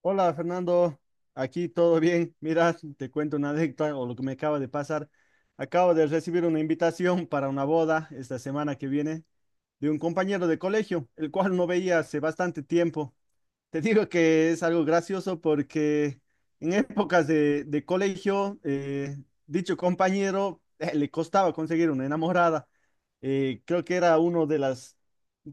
Hola Fernando, aquí todo bien. Mira, te cuento una anécdota o lo que me acaba de pasar. Acabo de recibir una invitación para una boda esta semana que viene de un compañero de colegio, el cual no veía hace bastante tiempo. Te digo que es algo gracioso porque en épocas de colegio, dicho compañero le costaba conseguir una enamorada. Creo que era uno de las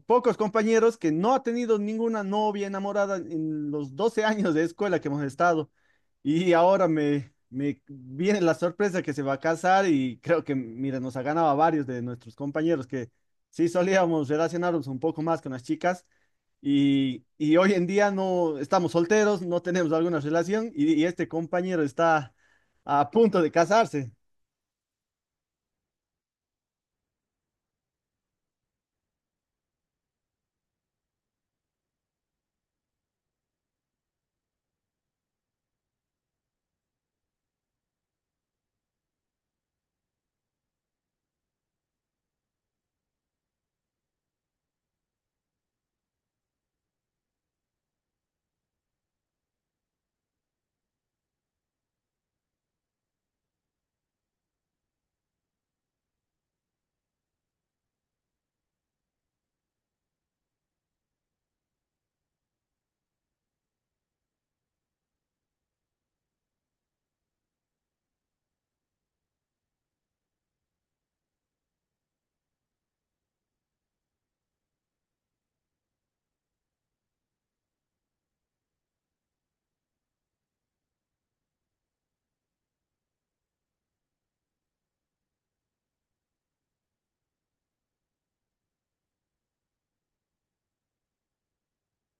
pocos compañeros que no ha tenido ninguna novia enamorada en los 12 años de escuela que hemos estado. Y ahora me viene la sorpresa que se va a casar y creo que, mira, nos ha ganado a varios de nuestros compañeros que sí solíamos relacionarnos un poco más con las chicas. Y hoy en día no estamos solteros, no tenemos alguna relación y este compañero está a punto de casarse.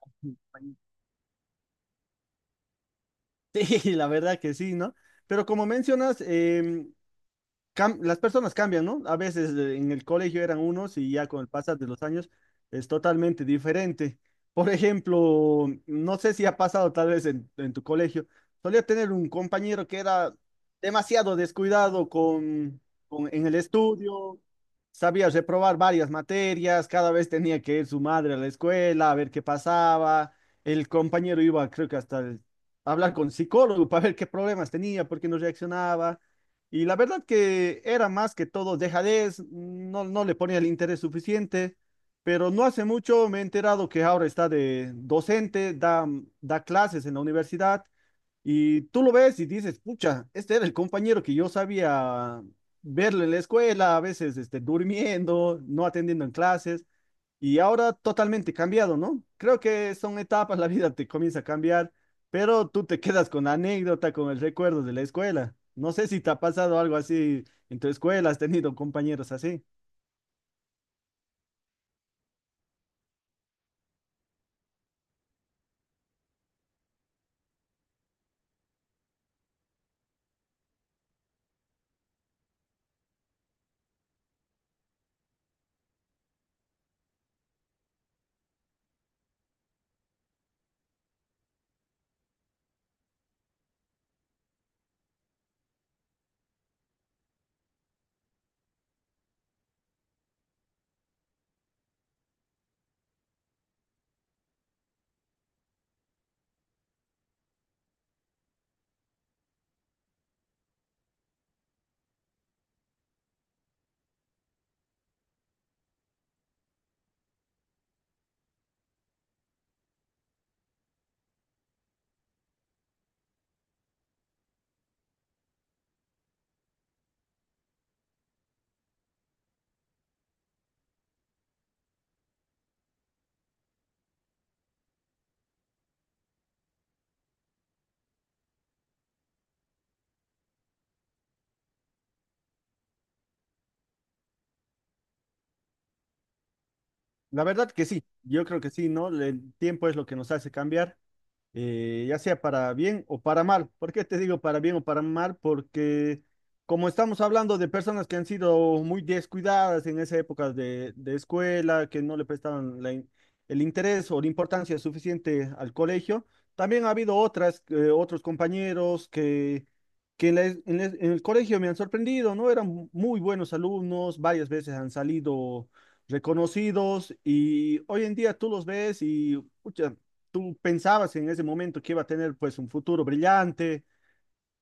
Sí, la verdad que sí, ¿no? Pero como mencionas, las personas cambian, ¿no? A veces en el colegio eran unos y ya con el pasar de los años es totalmente diferente. Por ejemplo, no sé si ha pasado tal vez en tu colegio, solía tener un compañero que era demasiado descuidado en el estudio, sabía reprobar varias materias, cada vez tenía que ir su madre a la escuela a ver qué pasaba. El compañero iba, creo que a hablar con psicólogo para ver qué problemas tenía, por qué no reaccionaba. Y la verdad que era más que todo dejadez, no le ponía el interés suficiente, pero no hace mucho me he enterado que ahora está de docente, da clases en la universidad, y tú lo ves y dices, pucha, este era el compañero que yo sabía verlo en la escuela, a veces este, durmiendo, no atendiendo en clases. Y ahora totalmente cambiado, ¿no? Creo que son etapas, la vida te comienza a cambiar, pero tú te quedas con la anécdota, con el recuerdo de la escuela. No sé si te ha pasado algo así en tu escuela, has tenido compañeros así. La verdad que sí, yo creo que sí, ¿no? El tiempo es lo que nos hace cambiar. Ya sea para bien o para mal. ¿Por qué te digo para bien o para mal? Porque como estamos hablando de personas que han sido muy descuidadas en esa época de escuela, que no le prestaban el interés o la importancia suficiente al colegio, también ha habido otras, otros compañeros que en el colegio me han sorprendido, ¿no? Eran muy buenos alumnos, varias veces han salido reconocidos y hoy en día tú los ves y pucha, tú pensabas en ese momento que iba a tener pues un futuro brillante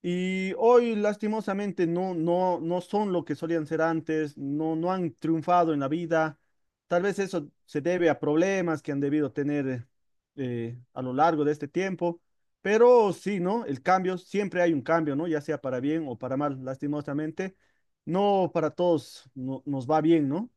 y hoy lastimosamente no son lo que solían ser antes, no han triunfado en la vida. Tal vez eso se debe a problemas que han debido tener a lo largo de este tiempo, pero sí, ¿no? El cambio, siempre hay un cambio, ¿no? Ya sea para bien o para mal, lastimosamente. No para todos nos va bien, ¿no?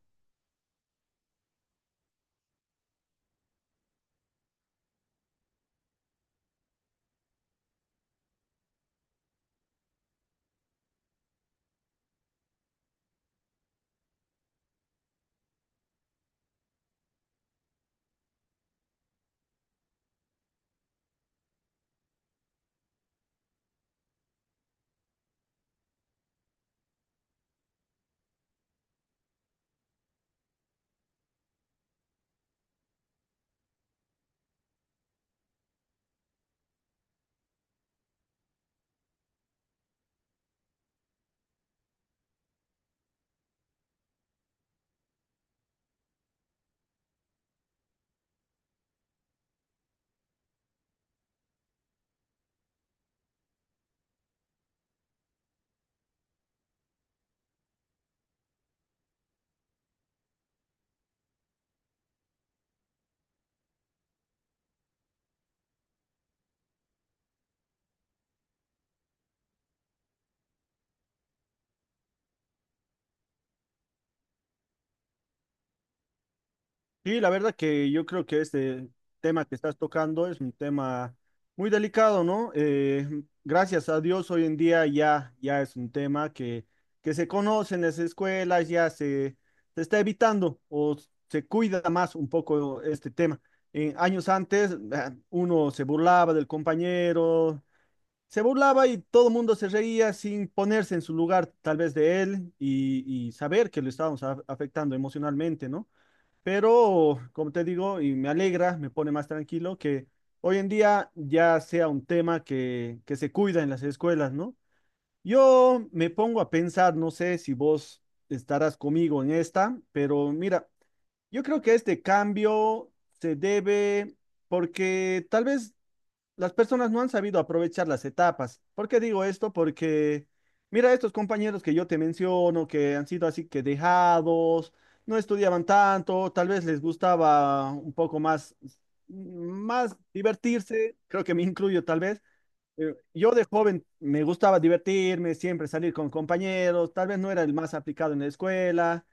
Sí, la verdad que yo creo que este tema que estás tocando es un tema muy delicado, ¿no? Gracias a Dios hoy en día ya es un tema que se conoce en las escuelas, se está evitando o se cuida más un poco este tema. En años antes uno se burlaba del compañero, se burlaba y todo el mundo se reía sin ponerse en su lugar tal vez de él y saber que lo estábamos afectando emocionalmente, ¿no? Pero, como te digo, y me alegra, me pone más tranquilo que hoy en día ya sea un tema que se cuida en las escuelas, ¿no? Yo me pongo a pensar, no sé si vos estarás conmigo en esta, pero mira, yo creo que este cambio se debe porque tal vez las personas no han sabido aprovechar las etapas. ¿Por qué digo esto? Porque mira estos compañeros que yo te menciono, que han sido así que dejados, no estudiaban tanto, tal vez les gustaba un poco más, más divertirse, creo que me incluyo tal vez. Yo de joven me gustaba divertirme, siempre salir con compañeros, tal vez no era el más aplicado en la escuela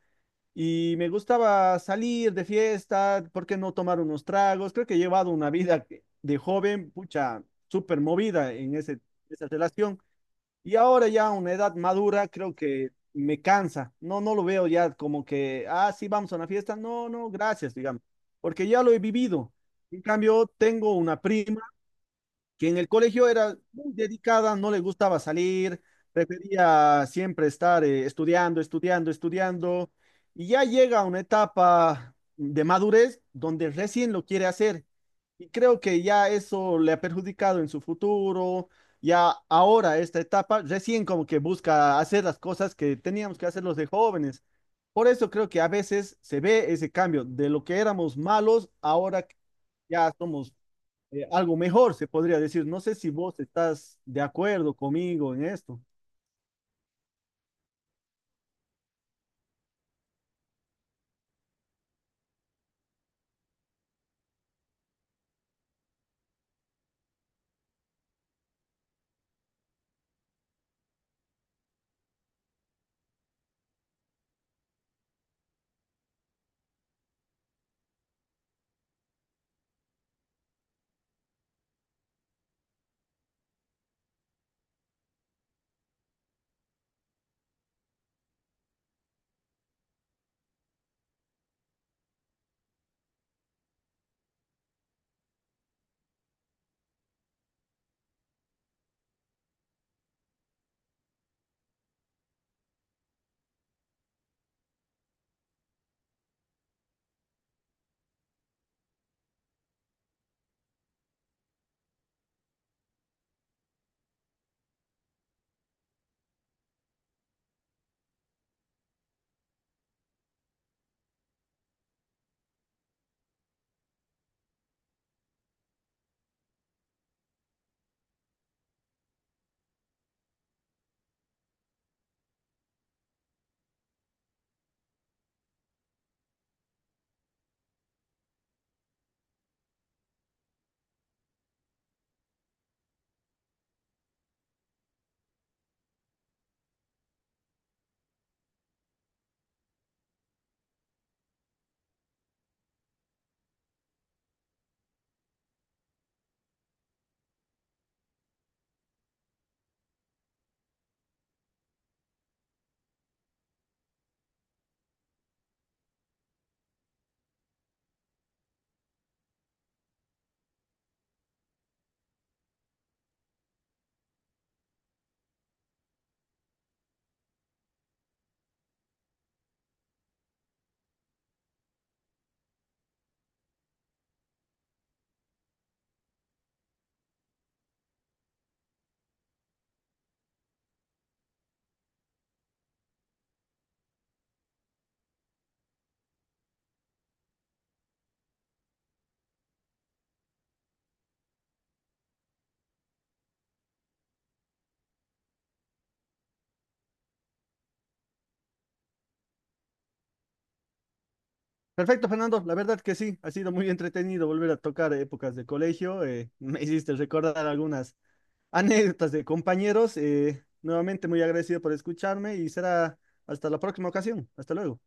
y me gustaba salir de fiesta, ¿por qué no tomar unos tragos? Creo que he llevado una vida de joven, pucha, súper movida en esa relación. Y ahora ya a una edad madura, creo que me cansa. No, no lo veo ya como que, ah, sí, vamos a una fiesta. No, no, gracias, digamos, porque ya lo he vivido. En cambio, tengo una prima que en el colegio era muy dedicada, no le gustaba salir, prefería siempre estar estudiando, estudiando, estudiando, y ya llega a una etapa de madurez donde recién lo quiere hacer. Y creo que ya eso le ha perjudicado en su futuro, ya ahora esta etapa, recién como que busca hacer las cosas que teníamos que hacer los de jóvenes. Por eso creo que a veces se ve ese cambio de lo que éramos malos, ahora ya somos algo mejor, se podría decir. No sé si vos estás de acuerdo conmigo en esto. Perfecto, Fernando. La verdad que sí, ha sido muy entretenido volver a tocar épocas de colegio. Me hiciste recordar algunas anécdotas de compañeros. Nuevamente muy agradecido por escucharme y será hasta la próxima ocasión. Hasta luego.